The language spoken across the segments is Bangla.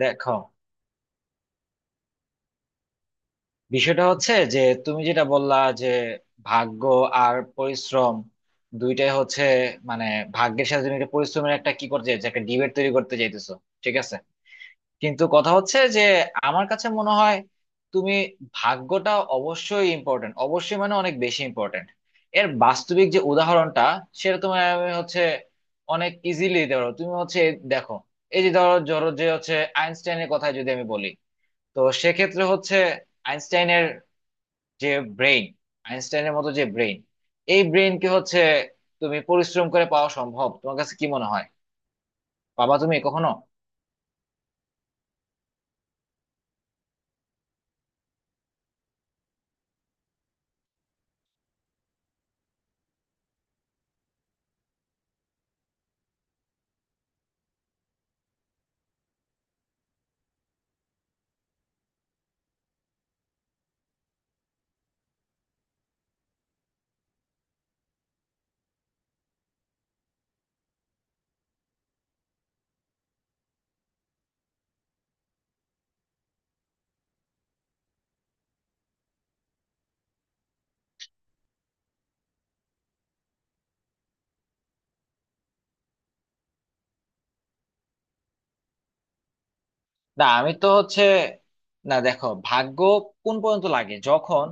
দেখো, বিষয়টা হচ্ছে যে তুমি যেটা বললা, যে ভাগ্য আর পরিশ্রম দুইটাই হচ্ছে, মানে, ভাগ্যের সাথে তুমি একটা পরিশ্রমের একটা কি করতে চাইছো, একটা ডিবেট তৈরি করতে চাইতেছো। ঠিক আছে, কিন্তু কথা হচ্ছে যে আমার কাছে মনে হয় তুমি ভাগ্যটা অবশ্যই ইম্পর্টেন্ট, অবশ্যই, মানে অনেক বেশি ইম্পর্টেন্ট। এর বাস্তবিক যে উদাহরণটা সেটা তোমার আমি হচ্ছে অনেক ইজিলি দিতে পারো, তুমি হচ্ছে দেখো এই যে ধরো ধরো যে হচ্ছে আইনস্টাইনের কথা যদি আমি বলি, তো সেক্ষেত্রে হচ্ছে আইনস্টাইনের যে ব্রেইন, আইনস্টাইনের মতো যে ব্রেইন, এই ব্রেইন কি হচ্ছে তুমি পরিশ্রম করে পাওয়া সম্ভব? তোমার কাছে কি মনে হয়? বাবা, তুমি কখনো না, আমি তো হচ্ছে না। দেখো, ভাগ্য কোন পর্যন্ত লাগে? যখন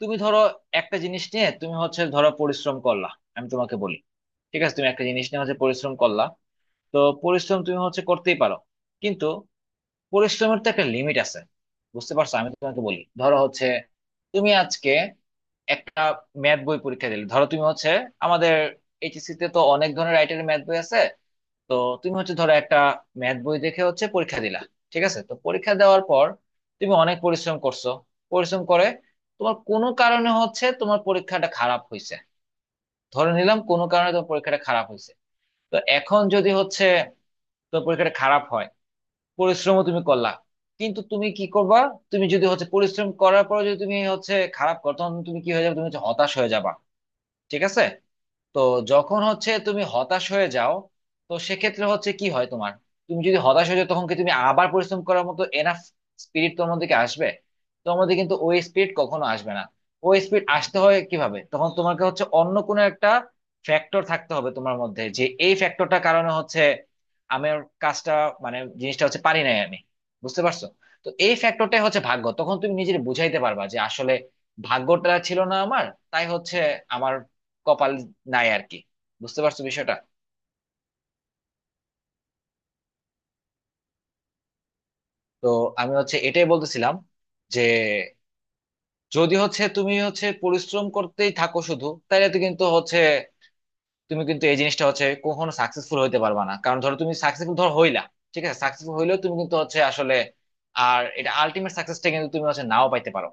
তুমি ধরো একটা জিনিস নিয়ে তুমি হচ্ছে ধরো পরিশ্রম করলা, আমি তোমাকে বলি, ঠিক আছে, তুমি একটা জিনিস নিয়ে হচ্ছে পরিশ্রম করলা, তো পরিশ্রম তুমি হচ্ছে করতেই পারো, কিন্তু পরিশ্রমের তো একটা লিমিট আছে। বুঝতে পারছো? আমি তোমাকে বলি, ধরো হচ্ছে তুমি আজকে একটা ম্যাথ বই পরীক্ষা দিলে, ধরো তুমি হচ্ছে আমাদের এইচএসসি তে তো অনেক ধরনের রাইটারের ম্যাথ বই আছে, তো তুমি হচ্ছে ধরো একটা ম্যাথ বই দেখে হচ্ছে পরীক্ষা দিলা। ঠিক আছে, তো পরীক্ষা দেওয়ার পর তুমি অনেক পরিশ্রম করছো, পরিশ্রম করে তোমার কোনো কারণে হচ্ছে তোমার পরীক্ষাটা খারাপ হয়েছে, ধরে নিলাম কোনো কারণে তোমার পরীক্ষাটা খারাপ হয়েছে। তো এখন যদি হচ্ছে তোমার পরীক্ষাটা খারাপ হয়, পরিশ্রমও তুমি করলা, কিন্তু তুমি কি করবা? তুমি যদি হচ্ছে পরিশ্রম করার পর যদি তুমি হচ্ছে খারাপ করো, তখন তুমি কি হয়ে যাবে? তুমি হচ্ছে হতাশ হয়ে যাবা। ঠিক আছে, তো যখন হচ্ছে তুমি হতাশ হয়ে যাও, তো সেক্ষেত্রে হচ্ছে কি হয় তোমার? তুমি যদি হতাশ হয়ে যাও, তখন কি তুমি আবার পরিশ্রম করার মতো এনাফ স্পিরিট তোমার মধ্যে কি আসবে? তোমার মধ্যে কিন্তু ওই স্পিরিট কখনো আসবে না। ওই স্পিরিট আসতে হয় কিভাবে? তখন তোমাকে হচ্ছে অন্য কোনো একটা ফ্যাক্টর থাকতে হবে তোমার মধ্যে, যে এই ফ্যাক্টরটার কারণে হচ্ছে আমার কাজটা, মানে জিনিসটা হচ্ছে পারি নাই আমি। বুঝতে পারছো? তো এই ফ্যাক্টরটাই হচ্ছে ভাগ্য। তখন তুমি নিজের বুঝাইতে পারবা যে আসলে ভাগ্যটা ছিল না আমার, তাই হচ্ছে আমার কপাল নাই আর কি। বুঝতে পারছো বিষয়টা? তো আমি হচ্ছে এটাই বলতেছিলাম যে যদি হচ্ছে তুমি হচ্ছে পরিশ্রম করতেই থাকো শুধু, তাহলে তো কিন্তু হচ্ছে তুমি কিন্তু এই জিনিসটা হচ্ছে কখনো সাকসেসফুল হইতে পারবা না। কারণ ধরো তুমি সাকসেসফুল ধর হইলা, ঠিক আছে, সাকসেসফুল হইলেও তুমি কিন্তু হচ্ছে আসলে, আর এটা আলটিমেট সাকসেসটা কিন্তু তুমি হচ্ছে নাও পাইতে পারো।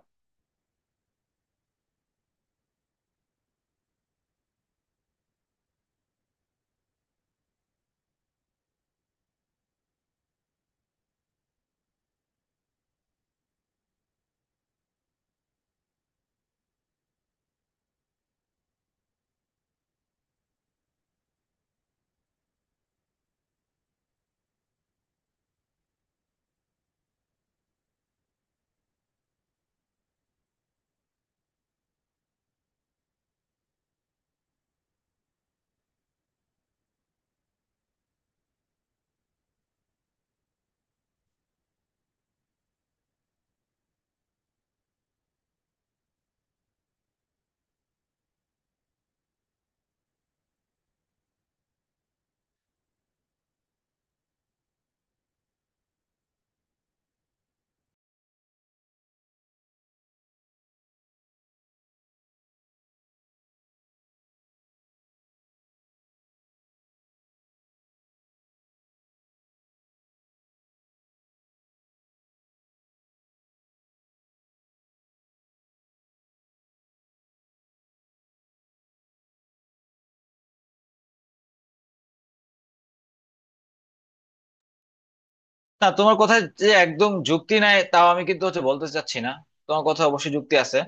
তা তোমার কথা যে একদম যুক্তি নাই তাও আমি কিন্তু হচ্ছে বলতে চাচ্ছি না, তোমার কথা অবশ্যই যুক্তি আছে।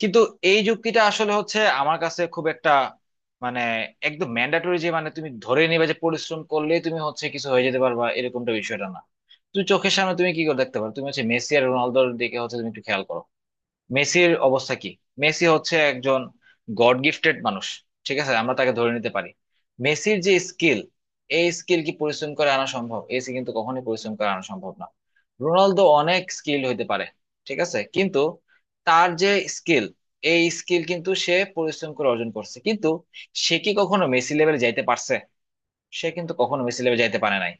কিন্তু এই যুক্তিটা আসলে হচ্ছে আমার কাছে খুব একটা, মানে, একদম ম্যান্ডেটরি যে মানে তুমি ধরে নিবে যে পরিশ্রম করলে তুমি হচ্ছে কিছু হয়ে যেতে পারবা, এরকমটা বিষয়টা না। তুমি চোখের সামনে তুমি কি করে দেখতে পারো, তুমি হচ্ছে মেসি আর রোনালদোর দিকে হচ্ছে তুমি একটু খেয়াল করো। মেসির অবস্থা কি? মেসি হচ্ছে একজন গড গিফটেড মানুষ, ঠিক আছে, আমরা তাকে ধরে নিতে পারি। মেসির যে স্কিল, এই স্কিল কি পরিশ্রম করে আনা সম্ভব? এসি কিন্তু কখনোই পরিশ্রম করে আনা সম্ভব না। রোনালদো অনেক স্কিল হইতে পারে, ঠিক আছে, কিন্তু তার যে স্কিল, এই স্কিল কিন্তু সে পরিশ্রম করে অর্জন করছে, কিন্তু সে কি কখনো মেসি লেভেলে যাইতে পারছে? সে কিন্তু কখনো মেসি লেভেলে যাইতে পারে নাই।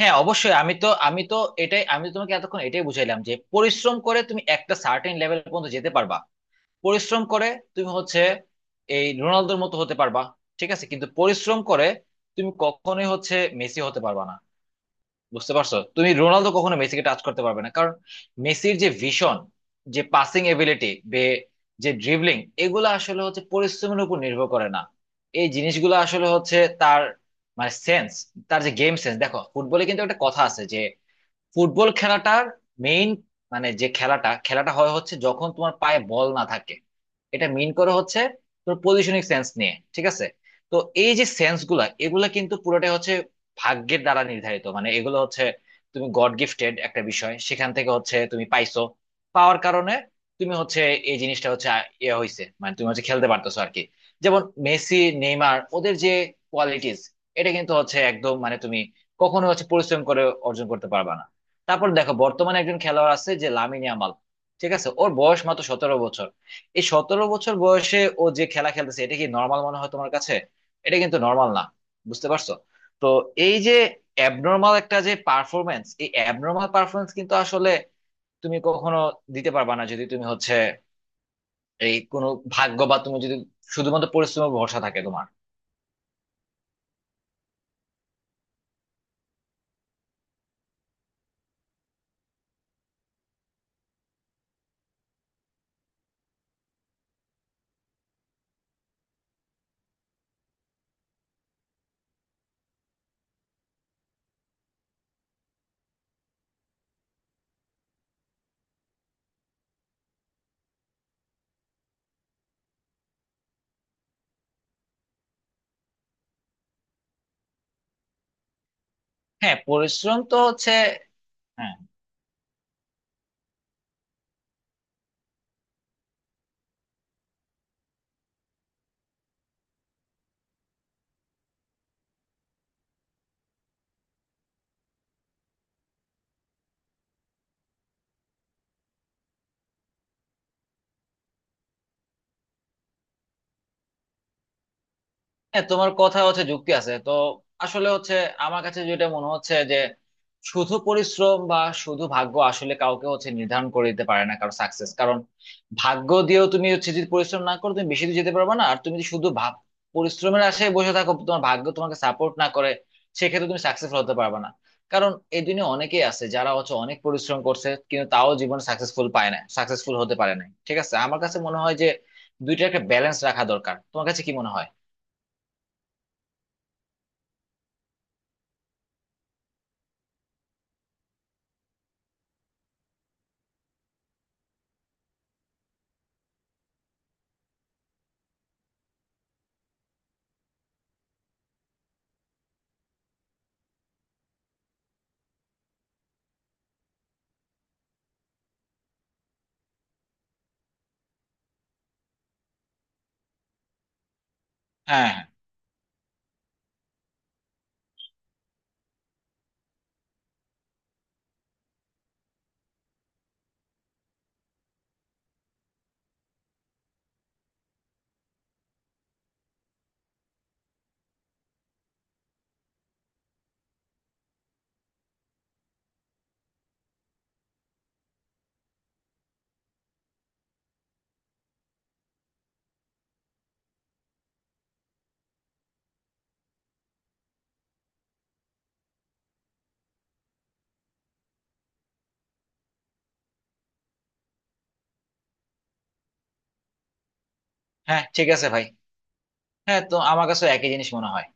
হ্যাঁ, অবশ্যই, আমি তো এটাই, আমি তো তোমাকে এতক্ষণ এটাই বুঝাইলাম যে পরিশ্রম করে তুমি একটা সার্টেন লেভেল পর্যন্ত যেতে পারবা। পরিশ্রম করে তুমি হচ্ছে এই রোনালদোর মতো হতে পারবা, ঠিক আছে, কিন্তু পরিশ্রম করে তুমি কখনোই হচ্ছে মেসি হতে পারবা না। বুঝতে পারছো? তুমি রোনালদো কখনো মেসিকে টাচ করতে পারবে না, কারণ মেসির যে ভিশন, যে পাসিং এবিলিটি, যে ড্রিবলিং, এগুলো আসলে হচ্ছে পরিশ্রমের উপর নির্ভর করে না। এই জিনিসগুলো আসলে হচ্ছে তার, মানে, সেন্স, তার যে গেম সেন্স। দেখো, ফুটবলে কিন্তু একটা কথা আছে যে ফুটবল খেলাটার মেইন, মানে যে খেলাটা, হয় হচ্ছে যখন তোমার পায়ে বল না থাকে, এটা মেইন করে হচ্ছে তোর পজিশনিং সেন্স নিয়ে। ঠিক আছে, তো এই যে সেন্স গুলা, এগুলা কিন্তু পুরোটাই হচ্ছে ভাগ্যের দ্বারা নির্ধারিত। মানে এগুলো হচ্ছে তুমি গড গিফটেড একটা বিষয় সেখান থেকে হচ্ছে তুমি পাইছো, পাওয়ার কারণে তুমি হচ্ছে এই জিনিসটা হচ্ছে ইয়ে হয়েছে, মানে তুমি হচ্ছে খেলতে পারতেছো আর কি। যেমন মেসি, নেইমার, ওদের যে কোয়ালিটিস, এটা কিন্তু হচ্ছে একদম, মানে, তুমি কখনো হচ্ছে পরিশ্রম করে অর্জন করতে পারবা না। তারপর দেখো, বর্তমানে একজন খেলোয়াড় আছে যে লামিনে ইয়ামাল, ঠিক আছে, ওর বয়স মাত্র 17 বছর। এই 17 বছর বয়সে ও যে খেলা খেলতেছে এটা কি নর্মাল মনে হয় তোমার কাছে? এটা কিন্তু নর্মাল না। বুঝতে পারছো? তো এই যে অ্যাবনর্মাল একটা যে পারফরমেন্স, এই অ্যাবনর্মাল পারফরমেন্স কিন্তু আসলে তুমি কখনো দিতে পারবা না যদি তুমি হচ্ছে এই কোনো ভাগ্য, বা তুমি যদি শুধুমাত্র পরিশ্রমের ভরসা থাকে তোমার। হ্যাঁ, পরিশ্রম তো হচ্ছে। হ্যাঁ, হ্যাঁ, তোমার কথা হচ্ছে যুক্তি আছে তো। আসলে হচ্ছে আমার কাছে যেটা মনে হচ্ছে যে শুধু পরিশ্রম বা শুধু ভাগ্য আসলে কাউকে হচ্ছে নির্ধারণ করে দিতে পারে না কারো সাকসেস। কারণ ভাগ্য দিয়েও তুমি হচ্ছে যদি পরিশ্রম না করো, তুমি বেশি দূর যেতে পারবে না। আর তুমি যদি শুধু ভাব পরিশ্রমের আশায় বসে থাকো, তোমার ভাগ্য তোমাকে সাপোর্ট না করে, সেক্ষেত্রে তুমি সাকসেসফুল হতে পারবে না। কারণ এই দুনিয়া অনেকেই আছে যারা হচ্ছে অনেক পরিশ্রম করছে, কিন্তু তাও জীবনে সাকসেসফুল পায় না, সাকসেসফুল হতে পারে না। ঠিক আছে, আমার কাছে মনে হয় যে দুইটা একটা ব্যালেন্স রাখা দরকার। তোমার কাছে কি মনে হয়? হ্যাঁ, হ্যাঁ, হ্যাঁ, ঠিক আছে, ভাই। হ্যাঁ, তো আমার কাছে একই জিনিস মনে হয়।